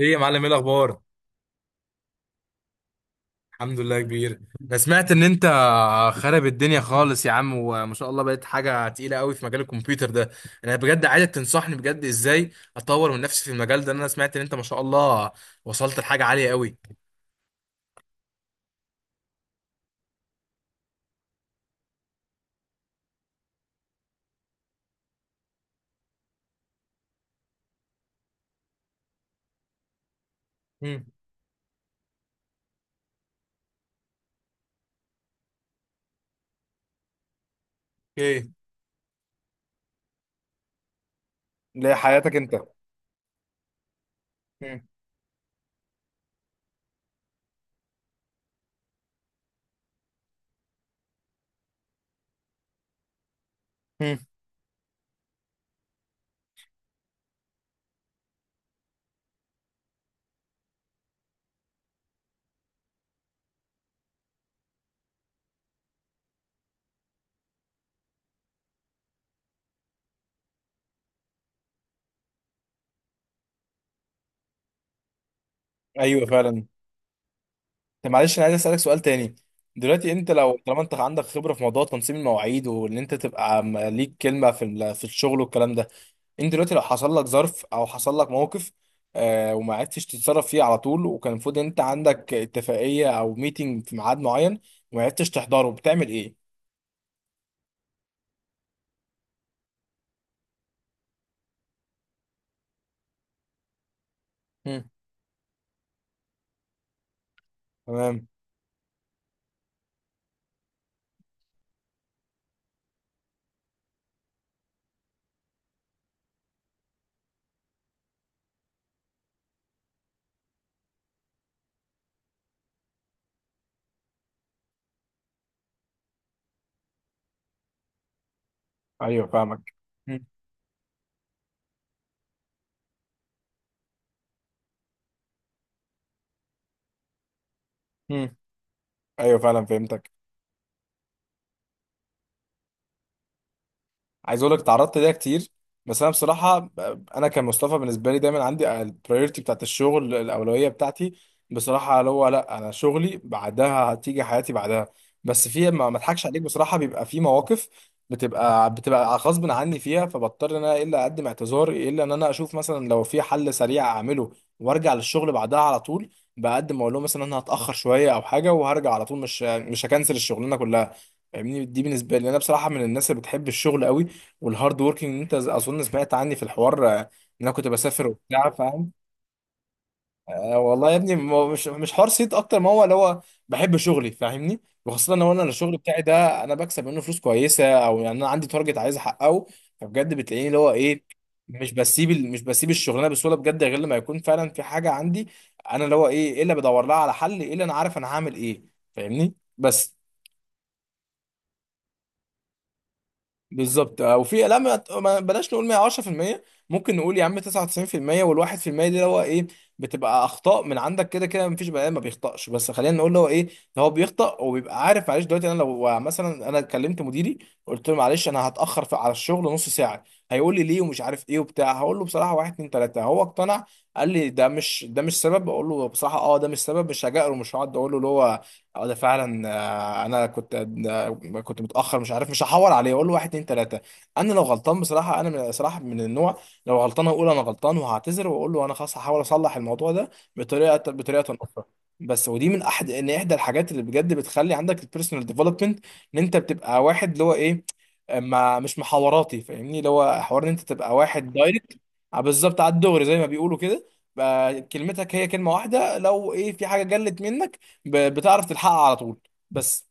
ايه يا معلم، ايه الاخبار؟ الحمد لله كبير. انا سمعت ان انت خرب الدنيا خالص يا عم، وما شاء الله بقيت حاجه تقيله قوي في مجال الكمبيوتر ده. انا بجد عايزك تنصحني بجد ازاي اطور من نفسي في المجال ده، لأن انا سمعت ان انت ما شاء الله وصلت لحاجه عاليه قوي. امم. ايه. لحياتك انت. مم. مم. ايوه فعلا. طب معلش، انا عايز اسالك سؤال تاني. دلوقتي انت لو طالما انت عندك خبره في موضوع تنظيم المواعيد، وان انت تبقى ليك كلمه في في الشغل والكلام ده. انت دلوقتي لو حصل لك ظرف او حصل لك موقف، وما عرفتش تتصرف فيه على طول، وكان المفروض انت عندك اتفاقيه او ميتنج في ميعاد معين وما عرفتش تحضره، بتعمل ايه؟ مم. تمام. ايوه فاهمك. مم. مم. ايوه فعلا، فهمتك. عايز اقول لك، اتعرضت ليها كتير، بس انا بصراحه، انا كمصطفى بالنسبه لي دايما عندي البريورتي بتاعت الشغل، الاولويه بتاعتي بصراحه. اللي هو لا، انا شغلي بعدها هتيجي حياتي بعدها. بس في، ما اضحكش عليك بصراحه، بيبقى في مواقف بتبقى غصب عني فيها، فبضطر ان انا الا اقدم اعتذار، الا ان انا اشوف مثلا لو في حل سريع اعمله وارجع للشغل بعدها على طول. بقدم اقول لهم مثلا انا هتاخر شويه او حاجه، وهرجع على طول، مش هكنسل الشغلانه كلها. فاهمني، دي بالنسبه لي، انا بصراحه من الناس اللي بتحب الشغل قوي والهارد وركينج. انت اظن سمعت عني في الحوار، ان انا كنت بسافر وبتاع، فاهم. والله يا ابني، ما هو مش حوار صيت، اكتر ما هو اللي هو بحب شغلي، فاهمني. وخاصه لو انا الشغل بتاعي ده، انا بكسب منه فلوس كويسه، او يعني انا عندي تارجت عايز احققه. فبجد بتلاقيني اللي هو ايه، مش بسيب الشغلانه بسهوله بجد، غير لما يكون فعلا في حاجه عندي انا، اللي هو ايه اللي بدور لها على حل، ايه اللي انا عارف انا هعمل ايه، فاهمني بس. بالظبط. وفي لا، بلاش نقول 110%، ممكن نقول يا عم 99%، وال1%، دي اللي هو ايه، بتبقى اخطاء من عندك، كده كده مفيش بني ادم ما بيخطاش، بس خلينا نقول اللي هو ايه، ده هو بيخطأ وبيبقى عارف. معلش، دلوقتي انا لو مثلا انا كلمت مديري، قلت له معلش انا هتاخر في على الشغل نص ساعه، هيقول لي ليه ومش عارف ايه وبتاع، هقول له بصراحه واحد اتنين تلاته، هو اقتنع، قال لي ده مش سبب، اقول له بصراحه اه، ده مش سبب، مش هجأله، مش هقعد اقول له اللي هو اه ده فعلا، انا كنت، آه، كنت متاخر، مش عارف، مش هحور عليه اقول له واحد اتنين تلاته. انا لو غلطان بصراحه، انا من صراحه من النوع لو غلطان اقول انا غلطان وهعتذر، واقول له انا خلاص هحاول اصلح الموضوع ده بطريقه اخرى. بس ودي من احدى الحاجات اللي بجد بتخلي عندك البيرسونال ديفلوبمنت، ان انت بتبقى واحد اللي هو ايه، ما مش محاوراتي، فاهمني، اللي هو حوار ان انت تبقى واحد دايركت. بالظبط، على الدغري زي ما بيقولوا، كده بقى كلمتك هي كلمه واحده، لو ايه في حاجه جلت منك، بتعرف تلحقها على طول بس.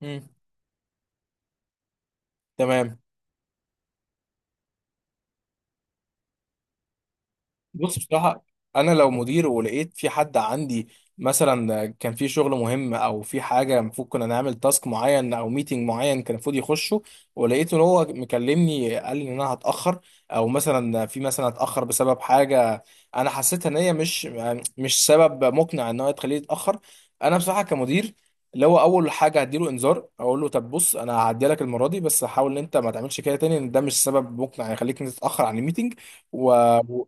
مم. تمام. بص بصراحة، أنا لو مدير ولقيت في حد عندي، مثلا كان في شغل مهم أو في حاجة المفروض كنا نعمل تاسك معين أو ميتنج معين كان المفروض يخشه، ولقيته إن هو مكلمني قال لي إن أنا هتأخر، أو مثلا هتأخر بسبب حاجة، أنا حسيتها إن هي مش سبب مقنع إن هو تخليه يتأخر. أنا بصراحة كمدير، اللي هو أول حاجة هديله إنذار، أقول له طب بص، أنا هعدي لك المرة دي بس حاول إن أنت ما تعملش كده تاني، إن ده مش سبب مقنع يخليك إن أنت تتأخر عن الميتنج و... مم.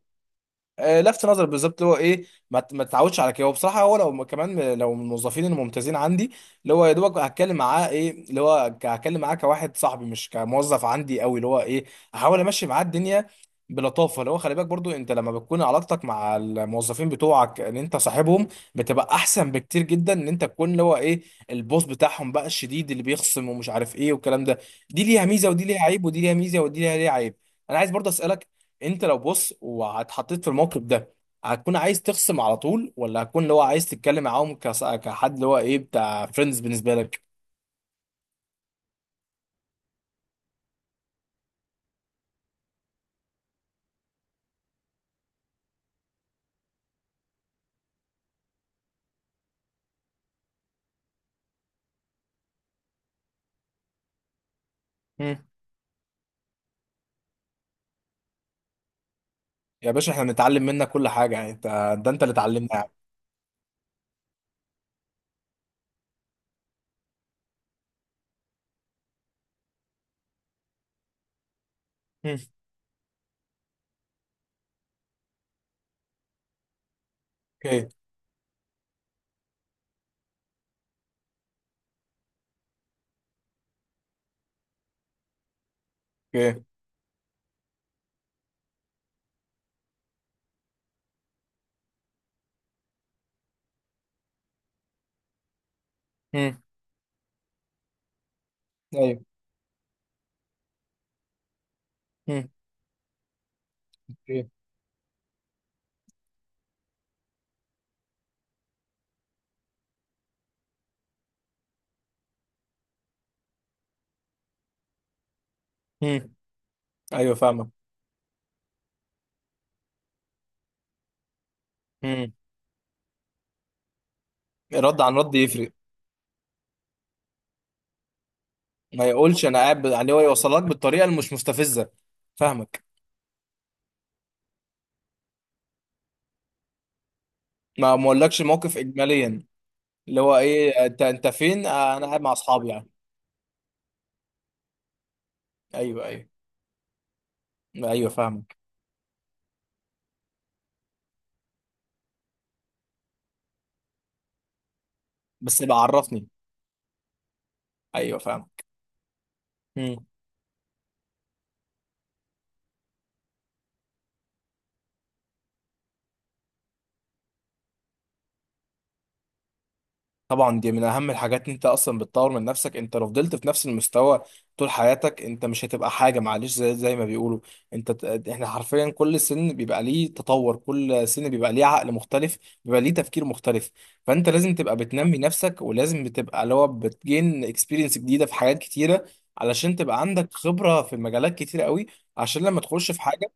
لفت نظر بالظبط، اللي هو ايه، ما تتعودش على كده. هو بصراحه، هو لو كمان لو من الموظفين الممتازين عندي، اللي هو يا دوبك هتكلم معاه، ايه اللي هو، هتكلم معاه كواحد صاحبي مش كموظف عندي قوي، اللي هو ايه، احاول امشي معاه الدنيا بلطافه. اللي هو خلي بالك برضو، انت لما بتكون علاقتك مع الموظفين بتوعك ان انت صاحبهم، بتبقى احسن بكتير جدا ان انت تكون اللي هو ايه، البوس بتاعهم بقى الشديد اللي بيخصم ومش عارف ايه والكلام ده. دي ليها ميزه ودي ليها عيب، ودي ليها ميزه ودي ليها عيب. انا عايز برضه اسالك، انت لو بص واتحطيت في الموقف ده، هتكون عايز تخصم على طول، ولا هتكون اللي هو عايز تتكلم معاهم كحد اللي هو ايه، بتاع فريندز بالنسبه لك؟ مم. يا باشا، احنا بنتعلم منك كل حاجه يعني، انت ده انت اللي اتعلمنا يعني. مم. اوكي. اوكي. مم. ايوه. مم. اوكي. مم. ايوه فاهمك. مم. رد عن رد يفرق. ما يقولش انا قاعد يعني هو يوصلك بالطريقه اللي مش مستفزه، فاهمك. ما اقولكش موقف اجماليا، اللي هو ايه، انت فين؟ انا قاعد مع اصحابي يعني. ايوه، ايوه، ايوه، فاهمك. بس يبقى عرفني. ايوه فاهمك. مم. طبعا دي من اهم الحاجات، ان انت اصلا بتطور من نفسك. انت لو فضلت في نفس المستوى طول حياتك، انت مش هتبقى حاجه، معلش زي ما بيقولوا. احنا حرفيا كل سن بيبقى ليه تطور، كل سن بيبقى ليه عقل مختلف، بيبقى ليه تفكير مختلف. فانت لازم تبقى بتنمي نفسك، ولازم بتبقى اللي هو بتجين اكسبيرينس جديده في حاجات كتيره، علشان تبقى عندك خبره في مجالات كتيره قوي، عشان لما تخش في حاجه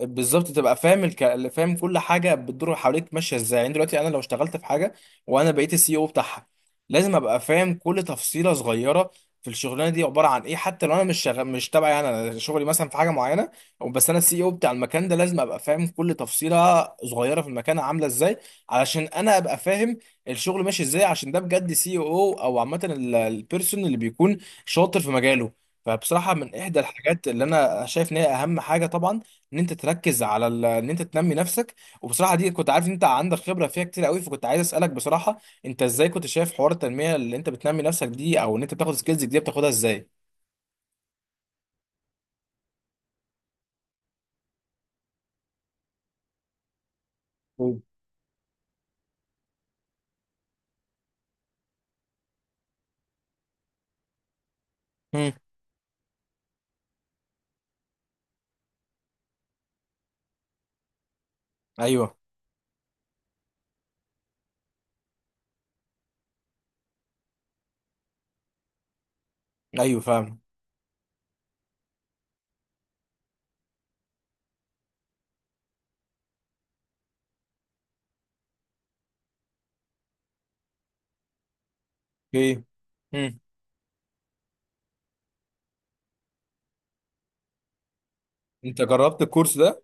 بالظبط، تبقى فاهم فاهم كل حاجه بتدور حواليك ماشيه ازاي. يعني دلوقتي انا لو اشتغلت في حاجه وانا بقيت السي او بتاعها، لازم ابقى فاهم كل تفصيله صغيره في الشغلانه دي عباره عن ايه، حتى لو انا مش تبعي، يعني انا شغلي مثلا في حاجه معينه، أو بس انا السي او بتاع المكان ده، لازم ابقى فاهم كل تفصيله صغيره في المكان عامله ازاي، علشان انا ابقى فاهم الشغل ماشي ازاي. عشان ده بجد سي او، او عامه، البيرسون اللي بيكون شاطر في مجاله. فبصراحه من احدى الحاجات اللي انا شايف ان هي اهم حاجه طبعا، ان انت تركز على ان انت تنمي نفسك. وبصراحه دي كنت عارف ان انت عندك خبره فيها كتير قوي، فكنت عايز اسالك بصراحه، انت ازاي كنت شايف حوار التنميه اللي انت بتنمي نفسك دي، او ان انت بتاخد سكيلز دي بتاخدها ازاي؟ مم. امم. ايوه، ايوه فاهم. اوكي. امم. انت جربت الكورس ده؟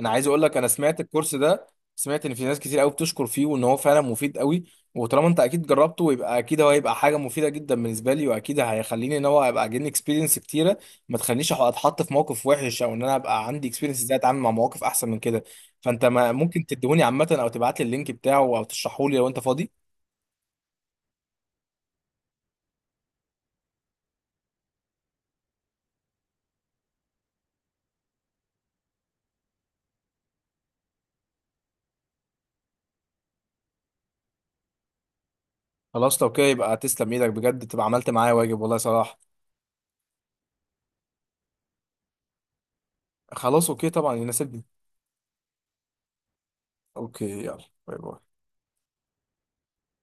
انا عايز اقول لك، انا سمعت الكورس ده، سمعت ان في ناس كتير قوي بتشكر فيه، وان هو فعلا مفيد قوي، وطالما انت اكيد جربته، يبقى اكيد هو هيبقى حاجه مفيده جدا بالنسبه لي، واكيد هيخليني ان هو ابقى اجيني اكسبيرينس كتيره، ما تخلينيش اتحط في موقف وحش، او ان انا ابقى عندي اكسبيرينس ازاي اتعامل مع مواقف احسن من كده. فانت ما ممكن تديهوني عامه، او تبعت لي اللينك بتاعه، او تشرحه لي لو انت فاضي؟ خلاص لو كده، يبقى تسلم ايدك بجد، تبقى عملت معايا واجب والله صراحه. خلاص اوكي طبعا، يناسبني. اوكي، يلا باي باي.